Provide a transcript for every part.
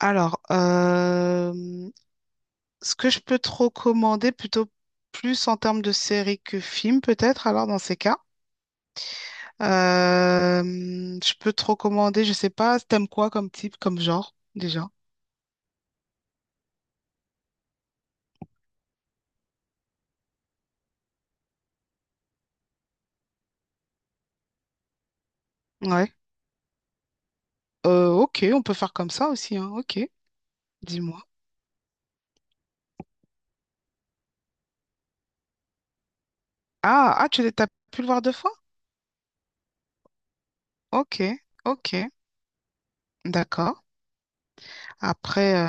Alors, euh, ce que je peux te recommander, plutôt plus en termes de série que film, peut-être, alors dans ces cas, euh, je peux te recommander, je sais pas, t'aimes quoi comme type, comme genre, déjà? Ouais. Ok, on peut faire comme ça aussi, hein. Ok, dis-moi. T'as pu le voir deux fois? Ok, ok, d'accord. Après,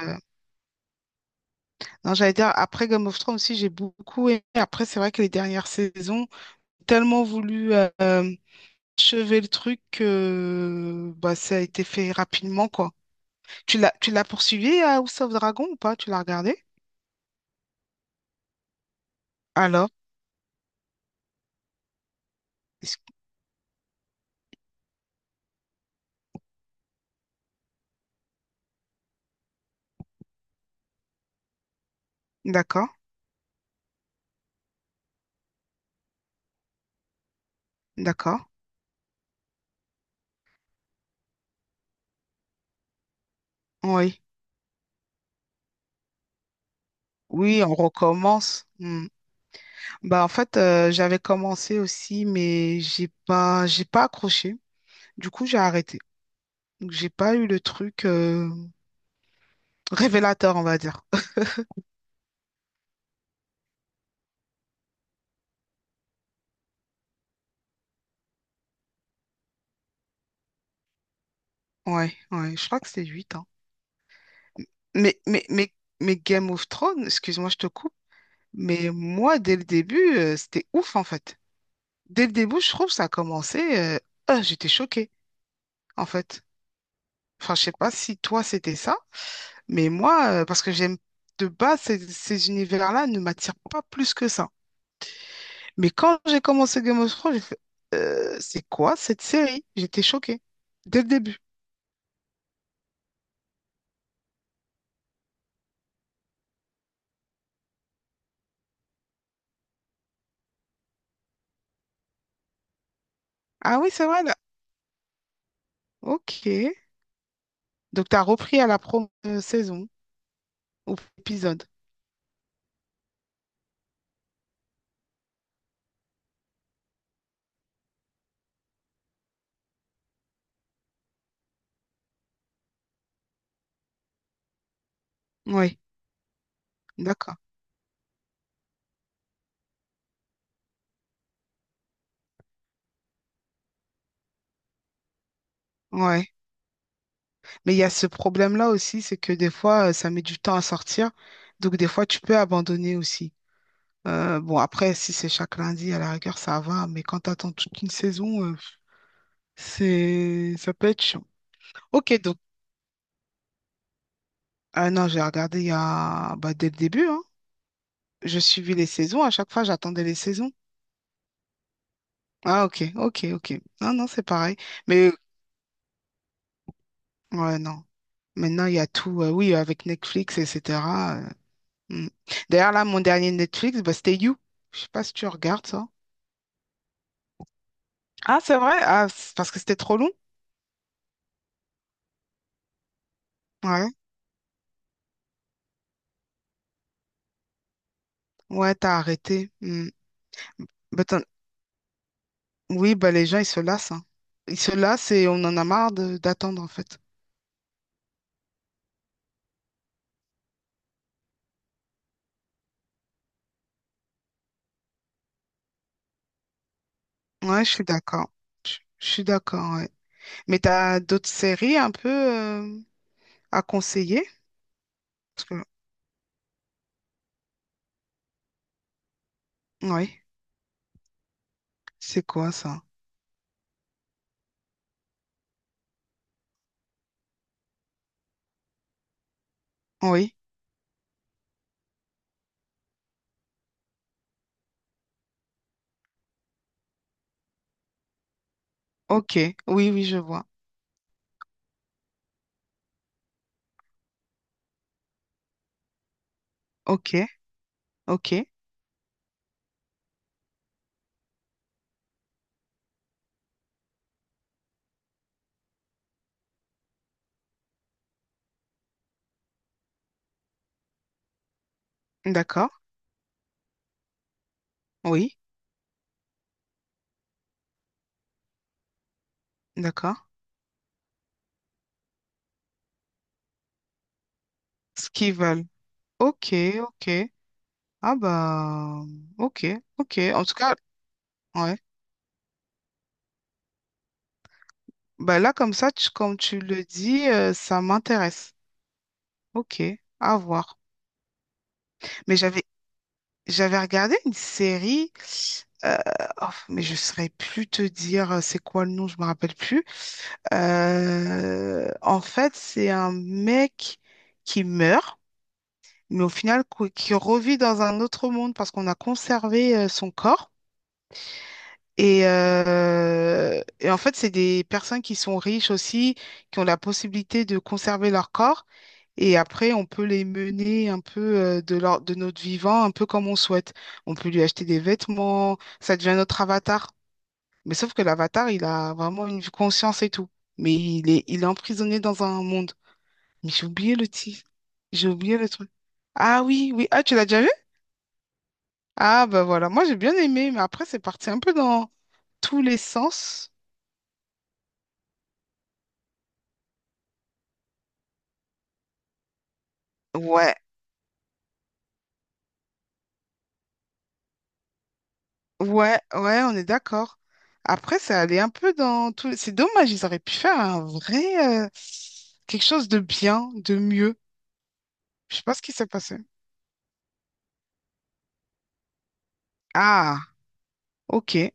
non, j'allais dire, après Game of Thrones aussi, j'ai beaucoup aimé. Après, c'est vrai que les dernières saisons, tellement voulu. euh, Achevé le truc, bah, ça a été fait rapidement, quoi. Tu l'as poursuivi à House of Dragon ou pas? Tu l'as regardé? Alors, est-ce- d'accord, d'accord, oui. Oui, on recommence. Hmm. Bah, en fait, j'avais commencé aussi, mais j'ai pas accroché. Du coup, j'ai arrêté. Donc, j'ai pas eu le truc révélateur, on va dire. Ouais, ouais, je crois que c'est 8 hein. Mais, mais, mais, mais Game of Thrones, excuse-moi, je te coupe. Mais moi, dès le début, c'était ouf en fait. Dès le début, je trouve ça a commencé. Ah, j'étais choquée en fait. Enfin, je sais pas si toi c'était ça, mais moi, parce que j'aime de base ces univers-là ne m'attirent pas plus que ça. Mais quand j'ai commencé Game of Thrones, j'ai fait c'est quoi cette série? J'étais choquée dès le début. Ah oui, c'est vrai là. Ok. Donc t'as repris à la promo saison ou épisode. Oui, d'accord. Ouais. Mais il y a ce problème-là aussi, c'est que des fois, ça met du temps à sortir. Donc, des fois, tu peux abandonner aussi. Bon, après, si c'est chaque lundi, à la rigueur, ça va. Mais quand tu attends toute une saison, c'est ça peut être chiant. Ok, donc, ah non, j'ai regardé il y a bah, dès le début. Hein. Je suivais les saisons. À chaque fois, j'attendais les saisons. Ah, ok, ok, ok. Non, non, c'est pareil. Mais, ouais, non. Maintenant, il y a tout. Oui, avec Netflix, etc. euh, hmm. D'ailleurs, là, mon dernier Netflix, bah, c'était You. Je sais pas si tu regardes ça. Ah, c'est vrai? Ah, c'est parce que c'était trop long? Ouais. Ouais, t'as arrêté. Hmm. Bah, t'en- oui, bah, les gens, ils se lassent. Hein. Ils se lassent et on en a marre d'attendre, en fait. Ouais, je suis d'accord. Je suis d'accord, ouais. Mais t'as d'autres séries un peu à conseiller? Parce que Oui, c'est quoi ça? Oui, ok. Oui, oui, je vois. Ok, ok. D'accord. Oui, d'accord. Ce qu'ils veulent. Ok, ok. Ah bah, ok, ok. En tout cas, ouais. Bah là, comme ça, comme tu le dis, ça m'intéresse. Ok, à voir. Mais j'avais regardé une série, euh, oh, mais je ne saurais plus te dire c'est quoi le nom, je me rappelle plus. En fait, c'est un mec qui meurt, mais au final qui revit dans un autre monde parce qu'on a conservé son corps. Et en fait, c'est des personnes qui sont riches aussi, qui ont la possibilité de conserver leur corps. Et après, on peut les mener un peu de notre vivant, un peu comme on souhaite. On peut lui acheter des vêtements, ça devient notre avatar. Mais sauf que l'avatar, il a vraiment une conscience et tout. Mais il est emprisonné dans un monde. Mais j'ai oublié le titre. J'ai oublié le truc. Ah oui, oui. Ah, tu l'as déjà vu? Ah, bah voilà. Moi, j'ai bien aimé, mais après, c'est parti un peu dans tous les sens. Ouais. Ouais, ouais, on est d'accord. Après, ça allait un peu dans tout. C'est dommage, ils auraient pu faire un vrai quelque chose de bien, de mieux. Je sais pas ce qui s'est passé. Ah, ok,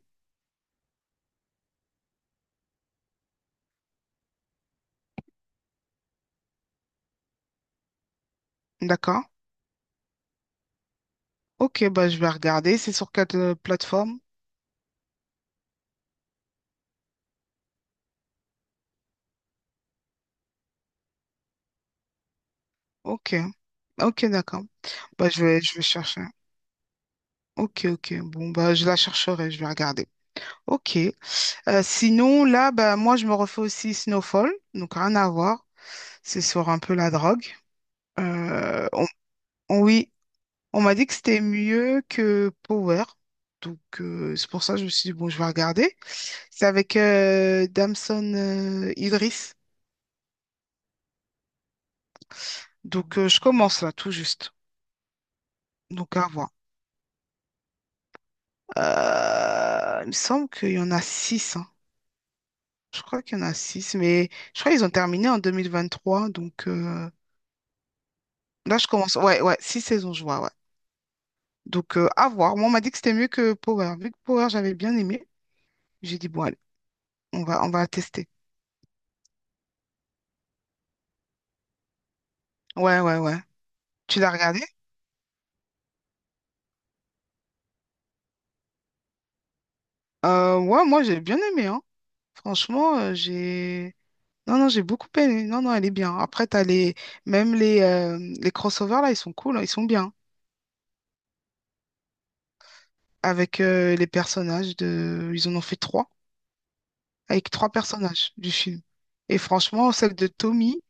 d'accord. Ok, bah je vais regarder. C'est sur quelle plateforme? Ok, ok, d'accord. Bah je vais chercher. Ok, ok. Bon, bah je la chercherai, je vais regarder. Ok. Sinon, là, bah moi je me refais aussi Snowfall, donc rien à voir. C'est sur un peu la drogue. Euh, on- oui, on m'a dit que c'était mieux que Power. Donc, c'est pour ça que je me suis dit, bon, je vais regarder. C'est avec Damson Idris. Donc, je commence là, tout juste. Donc, à voir. Il me semble qu'il y en a six. Hein. Je crois qu'il y en a six, mais je crois qu'ils ont terminé en 2023. Donc, là, je commence. Ouais, ouais, six saisons, je vois, ouais. Donc, à voir. Moi, on m'a dit que c'était mieux que Power. Vu que Power, j'avais bien aimé, j'ai dit, bon, allez, on va tester. Ouais, ouais, ouais. Tu l'as regardé? Ouais, moi j'ai bien aimé, hein. Franchement, j'ai. Non, non, j'ai beaucoup aimé. Non, non, elle est bien. Après, t'as les. Même les crossovers, là, ils sont cool, hein, ils sont bien. Avec les personnages de. Ils en ont fait trois. Avec trois personnages du film. Et franchement, celle de Tommy,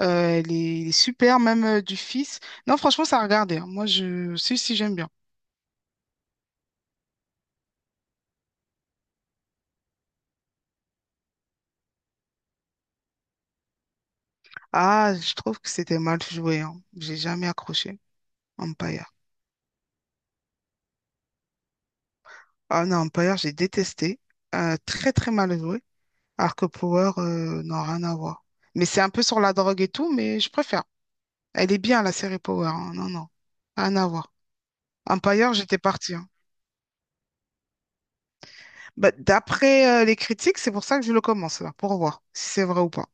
elle est super, même du fils. Non, franchement, ça a regardé hein. Moi, je. Si, si, j'aime bien. Ah, je trouve que c'était mal joué, hein. J'ai jamais accroché Empire. Ah non, Empire, j'ai détesté. Très, très mal joué. Alors que Power, non, rien à voir. Mais c'est un peu sur la drogue et tout, mais je préfère. Elle est bien, la série Power. Hein. Non, non, rien à voir. Empire, j'étais partie. Hein. Bah, d'après les critiques, c'est pour ça que je le commence, là, pour voir si c'est vrai ou pas.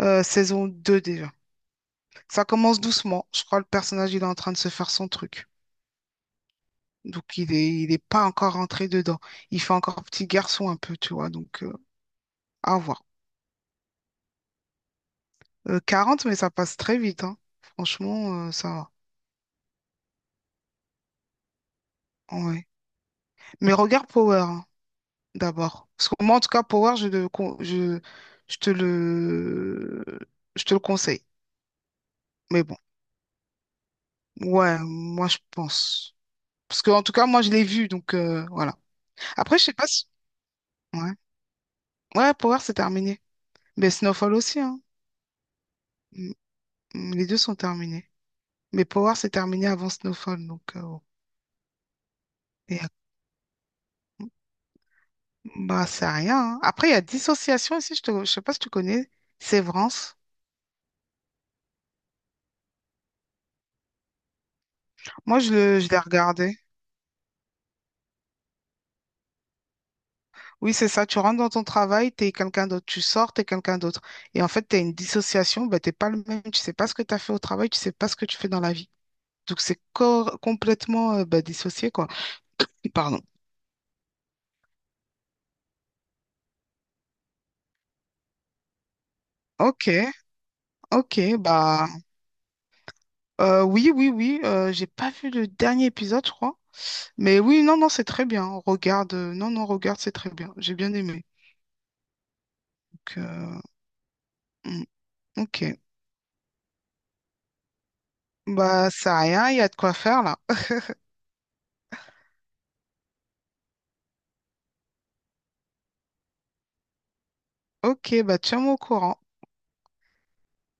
Saison 2 déjà. Ça commence doucement. Je crois que le personnage, il est en train de se faire son truc. Donc, il est pas encore rentré dedans. Il fait encore petit garçon un peu, tu vois. Donc, à voir. 40, mais ça passe très vite. Hein. Franchement, ça va. Ouais. Mais regarde Power. Hein. d'abord. Parce que moi, en tout cas, Power, je, je te le, je te le conseille. Mais bon, ouais, moi, je pense. Parce que, en tout cas, moi, je l'ai vu, donc voilà. Après, je sais pas si Ouais, ouais, Power, c'est terminé. Mais Snowfall aussi, hein. Mm, mm, les deux sont terminés. Mais Power, c'est terminé avant Snowfall, donc bon. Et, bah, c'est rien. Hein. Après, il y a Dissociation aussi, je te je sais pas si tu connais. Sévrance. Moi, je, je l'ai regardé. Oui, c'est ça. Tu rentres dans ton travail, t'es quelqu'un d'autre. Tu sors, t'es quelqu'un d'autre. Et en fait, t'as une dissociation, ben, t'es pas le même. Tu sais pas ce que t'as fait au travail, tu sais pas ce que tu fais dans la vie. Donc, c'est complètement ben, dissocié, quoi. Pardon. Ok, ok, bah oui, oui, oui, j'ai pas vu le dernier épisode, je crois. Mais oui, non, non, c'est très bien. Regarde, non, non, regarde, c'est très bien. J'ai bien aimé. Donc, hmm, ok, bah ça a rien, il y a de quoi faire là. Ok, bah tiens-moi au courant.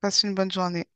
Passe une bonne journée.